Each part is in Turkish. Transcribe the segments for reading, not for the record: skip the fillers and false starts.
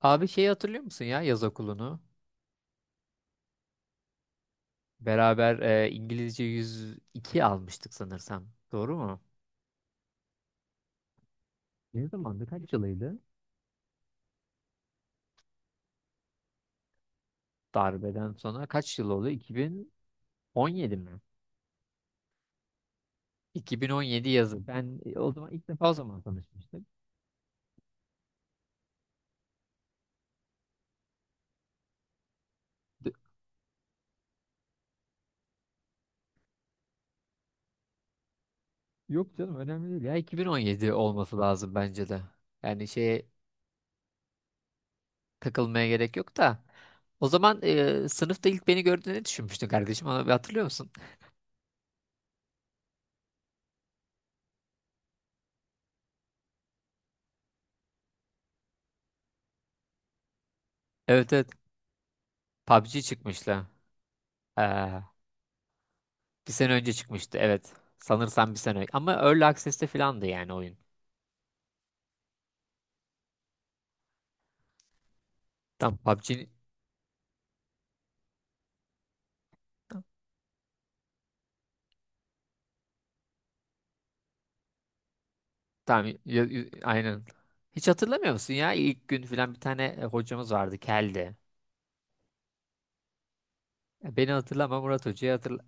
Abi şeyi hatırlıyor musun ya yaz okulunu? Beraber İngilizce 102 almıştık sanırsam. Doğru mu? Ne zamandı? Kaç yılıydı? Darbeden sonra kaç yıl oldu? 2017 mi? 2017 yazı. Ben o zaman ilk defa o zaman tanışmıştık. D- Yok canım, önemli değil ya. 2017 olması lazım bence de. Yani şeye takılmaya gerek yok da. O zaman sınıfta ilk beni gördüğünü düşünmüştün kardeşim. Onu bir hatırlıyor musun? Evet, evet. PUBG çıkmıştı. Bir sene önce çıkmıştı, evet. Sanırsam bir sene önce. Ama Early Access'te filandı yani oyun. Tam PUBG, aynen. Hiç hatırlamıyor musun ya? İlk gün filan bir tane hocamız vardı, Keldi. Beni hatırlama, Murat Hoca'yı hatırla.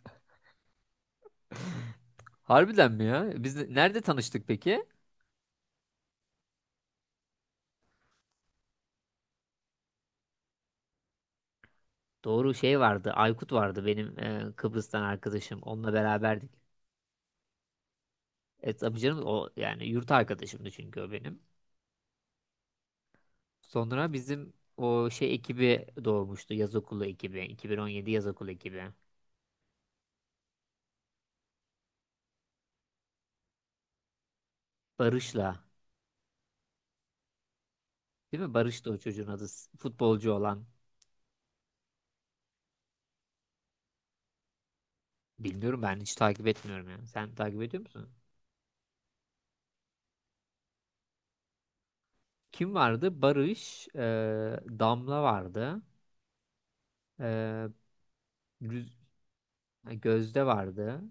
Harbiden mi ya? Nerede tanıştık peki? Doğru, şey vardı. Aykut vardı, benim Kıbrıs'tan arkadaşım. Onunla beraberdik. E tabii canım, o yani yurt arkadaşımdı çünkü o benim. Sonra bizim o şey ekibi doğmuştu. Yaz okulu ekibi. 2017 yaz okulu ekibi. Barış'la. Değil mi? Barış da o çocuğun adı. Futbolcu olan. Bilmiyorum, ben hiç takip etmiyorum yani. Sen takip ediyor musun? Kim vardı? Barış, Damla vardı. E, Rüz- Gözde vardı.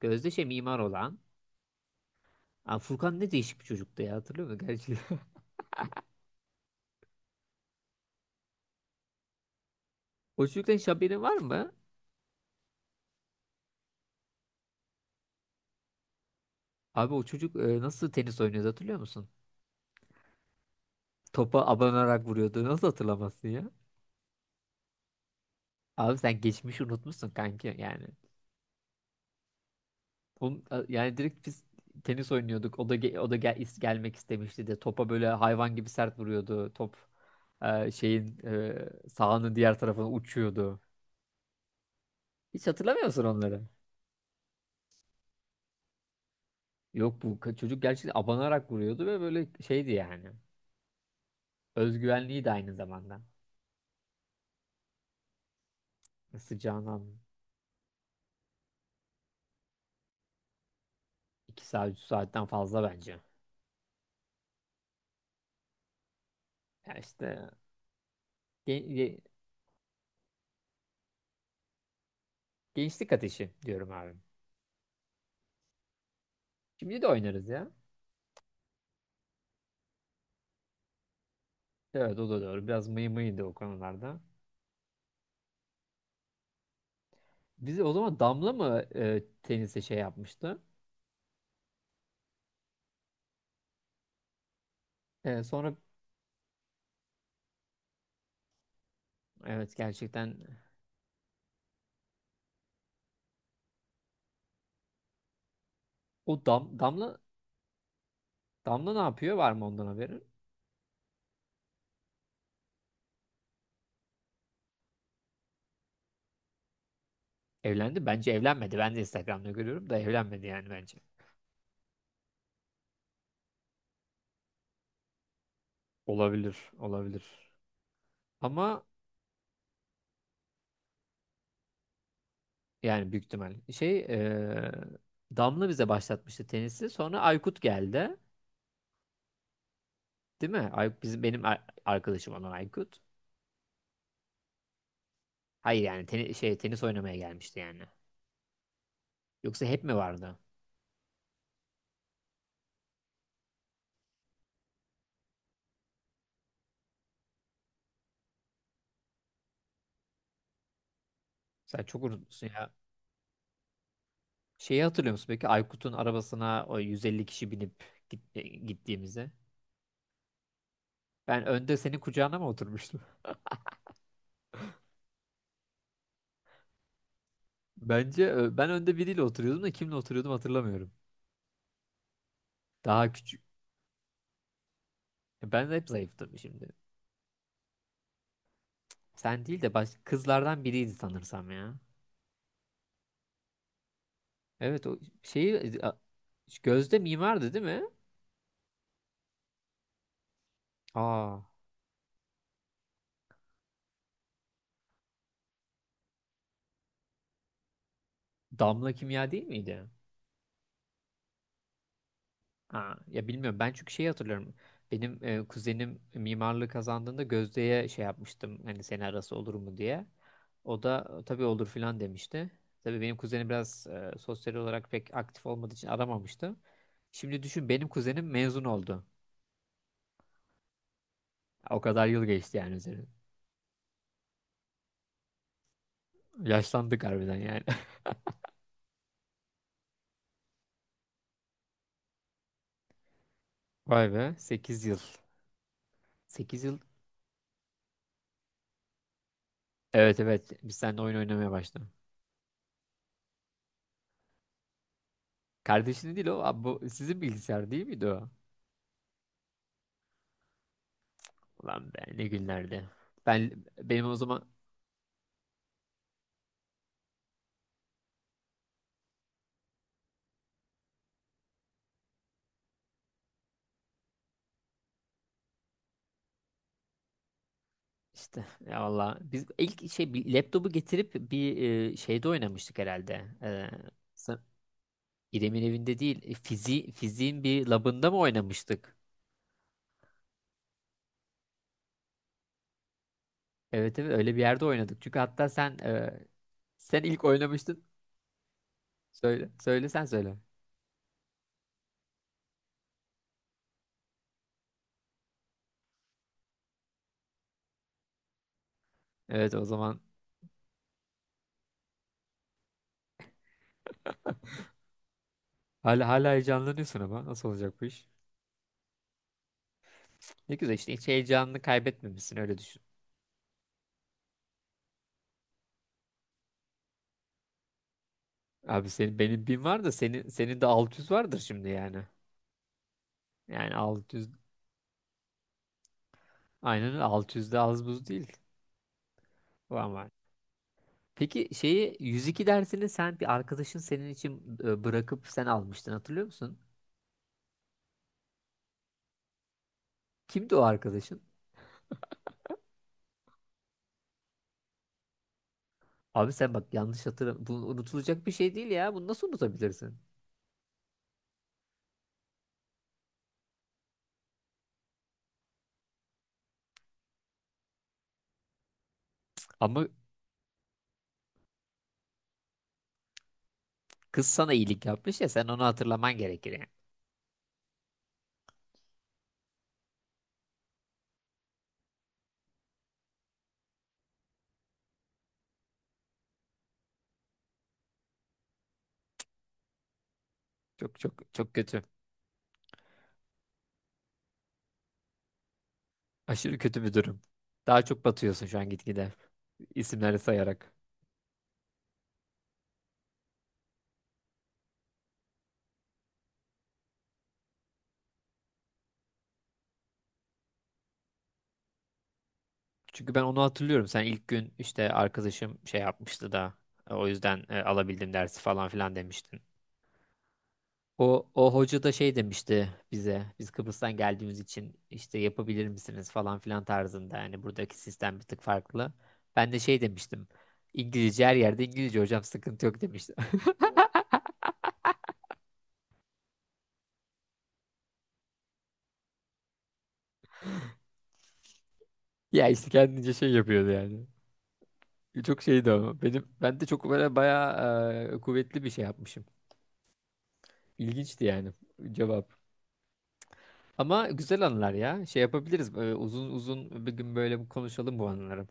Gözde, şey, mimar olan. Aa, Furkan ne değişik bir çocuktu ya, hatırlıyor musun? Gerçi. O çocuktan hiç haberin var mı? Abi o çocuk nasıl tenis oynuyordu hatırlıyor musun? Topa abanarak vuruyordu. Nasıl hatırlamazsın ya? Abi sen geçmişi unutmuşsun kanki yani. Oğlum, yani direkt biz tenis oynuyorduk. O da gelmek istemişti de topa böyle hayvan gibi sert vuruyordu. Top sahanın diğer tarafına uçuyordu. Hiç hatırlamıyor musun onları? Yok, çocuk gerçekten abanarak vuruyordu ve böyle şeydi yani. Özgüvenliği de aynı zamanda. Sıcağından 2 saat, 3 saatten fazla bence. Ya işte, gen- ge- gençlik ateşi diyorum abi. Şimdi de oynarız ya. Evet, o da doğru. Biraz mıydı o konularda. Bizi o zaman Damla mı tenise şey yapmıştı? Sonra, evet, gerçekten o Damla ne yapıyor? Var mı ondan haberin? Evlendi. Bence evlenmedi. Ben de Instagram'da görüyorum da evlenmedi yani bence. Olabilir, olabilir. Ama yani büyük ihtimal. Şey, Damla bize başlatmıştı tenisi. Sonra Aykut geldi. Değil mi? Ay, benim arkadaşım olan Aykut. Hayır yani, tenis oynamaya gelmişti yani. Yoksa hep mi vardı? Sen çok unutmuşsun ya. Şeyi hatırlıyor musun peki Aykut'un arabasına o 150 kişi binip gittiğimizde? Ben önde senin kucağına mı oturmuştum? Bence ben önde biriyle oturuyordum da kimle oturuyordum hatırlamıyorum. Daha küçük. Ben de hep zayıftım şimdi. Sen değil de baş kızlardan biriydi sanırsam ya. Evet, o şeyi e, a- Gözde mimardı değil mi? Aa, Damla Kimya değil miydi? Ha, ya bilmiyorum ben çünkü şeyi hatırlıyorum. Benim kuzenim mimarlığı kazandığında Gözde'ye şey yapmıştım. Hani seni arası olur mu diye. O da tabii olur filan demişti. Tabii benim kuzenim biraz sosyal olarak pek aktif olmadığı için aramamıştı. Şimdi düşün, benim kuzenim mezun oldu. O kadar yıl geçti yani üzerinden. Yaşlandık harbiden yani. Vay be, 8 yıl. 8 yıl. Evet, evet, biz seninle oyun oynamaya başladık. Kardeşini değil o. Abi, bu sizin bilgisayar değil miydi o? Ulan be, ne günlerdi. Ben benim o zaman işte ya valla, biz ilk şey, bir laptopu getirip bir şeyde oynamıştık herhalde. Sa- İrem'in evinde değil, fiziğin bir labında mı oynamıştık? Evet, evet, öyle bir yerde oynadık. Çünkü hatta sen sen ilk oynamıştın. Söyle, söyle, sen söyle. Evet, o zaman hala heyecanlanıyorsun ama nasıl olacak bu iş? Ne güzel işte, hiç heyecanını kaybetmemişsin öyle düşün. Abi senin benim bin var da senin de 600 vardır şimdi yani. Yani 600. Aynen öyle. 600 de az buz değil. Bu ama. Peki şeyi 102 dersini sen, bir arkadaşın senin için bırakıp sen almıştın hatırlıyor musun? Kimdi o arkadaşın? Abi sen bak, yanlış hatırlam. Bu unutulacak bir şey değil ya. Bunu nasıl unutabilirsin? Ama kız sana iyilik yapmış ya, sen onu hatırlaman gerekir yani. Çok çok çok kötü. Aşırı kötü bir durum. Daha çok batıyorsun şu an, gitgide isimleri sayarak. Çünkü ben onu hatırlıyorum. Sen ilk gün işte arkadaşım şey yapmıştı da o yüzden alabildim dersi falan filan demiştin. O hoca da şey demişti bize, biz Kıbrıs'tan geldiğimiz için işte yapabilir misiniz falan filan tarzında. Yani buradaki sistem bir tık farklı. Ben de şey demiştim, İngilizce her yerde İngilizce hocam, sıkıntı yok demiştim. Ya işte, kendince şey yapıyordu yani. Çok şeydi ama ben de çok böyle bayağı kuvvetli bir şey yapmışım. İlginçti yani cevap. Ama güzel anılar ya. Şey yapabiliriz. Böyle uzun uzun bir gün böyle konuşalım bu anıları.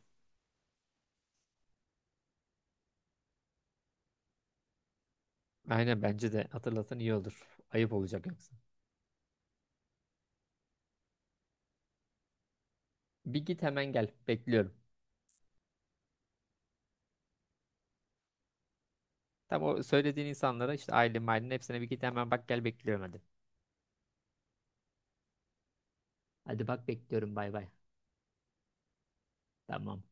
Aynen, bence de hatırlatan iyi olur. Ayıp olacak yoksa. Bir git hemen gel. Bekliyorum. Tam o söylediğin insanlara işte, ailenin hepsine bir git hemen bak gel bekliyorum hadi. Hadi bak, bekliyorum, bay bay. Tamam.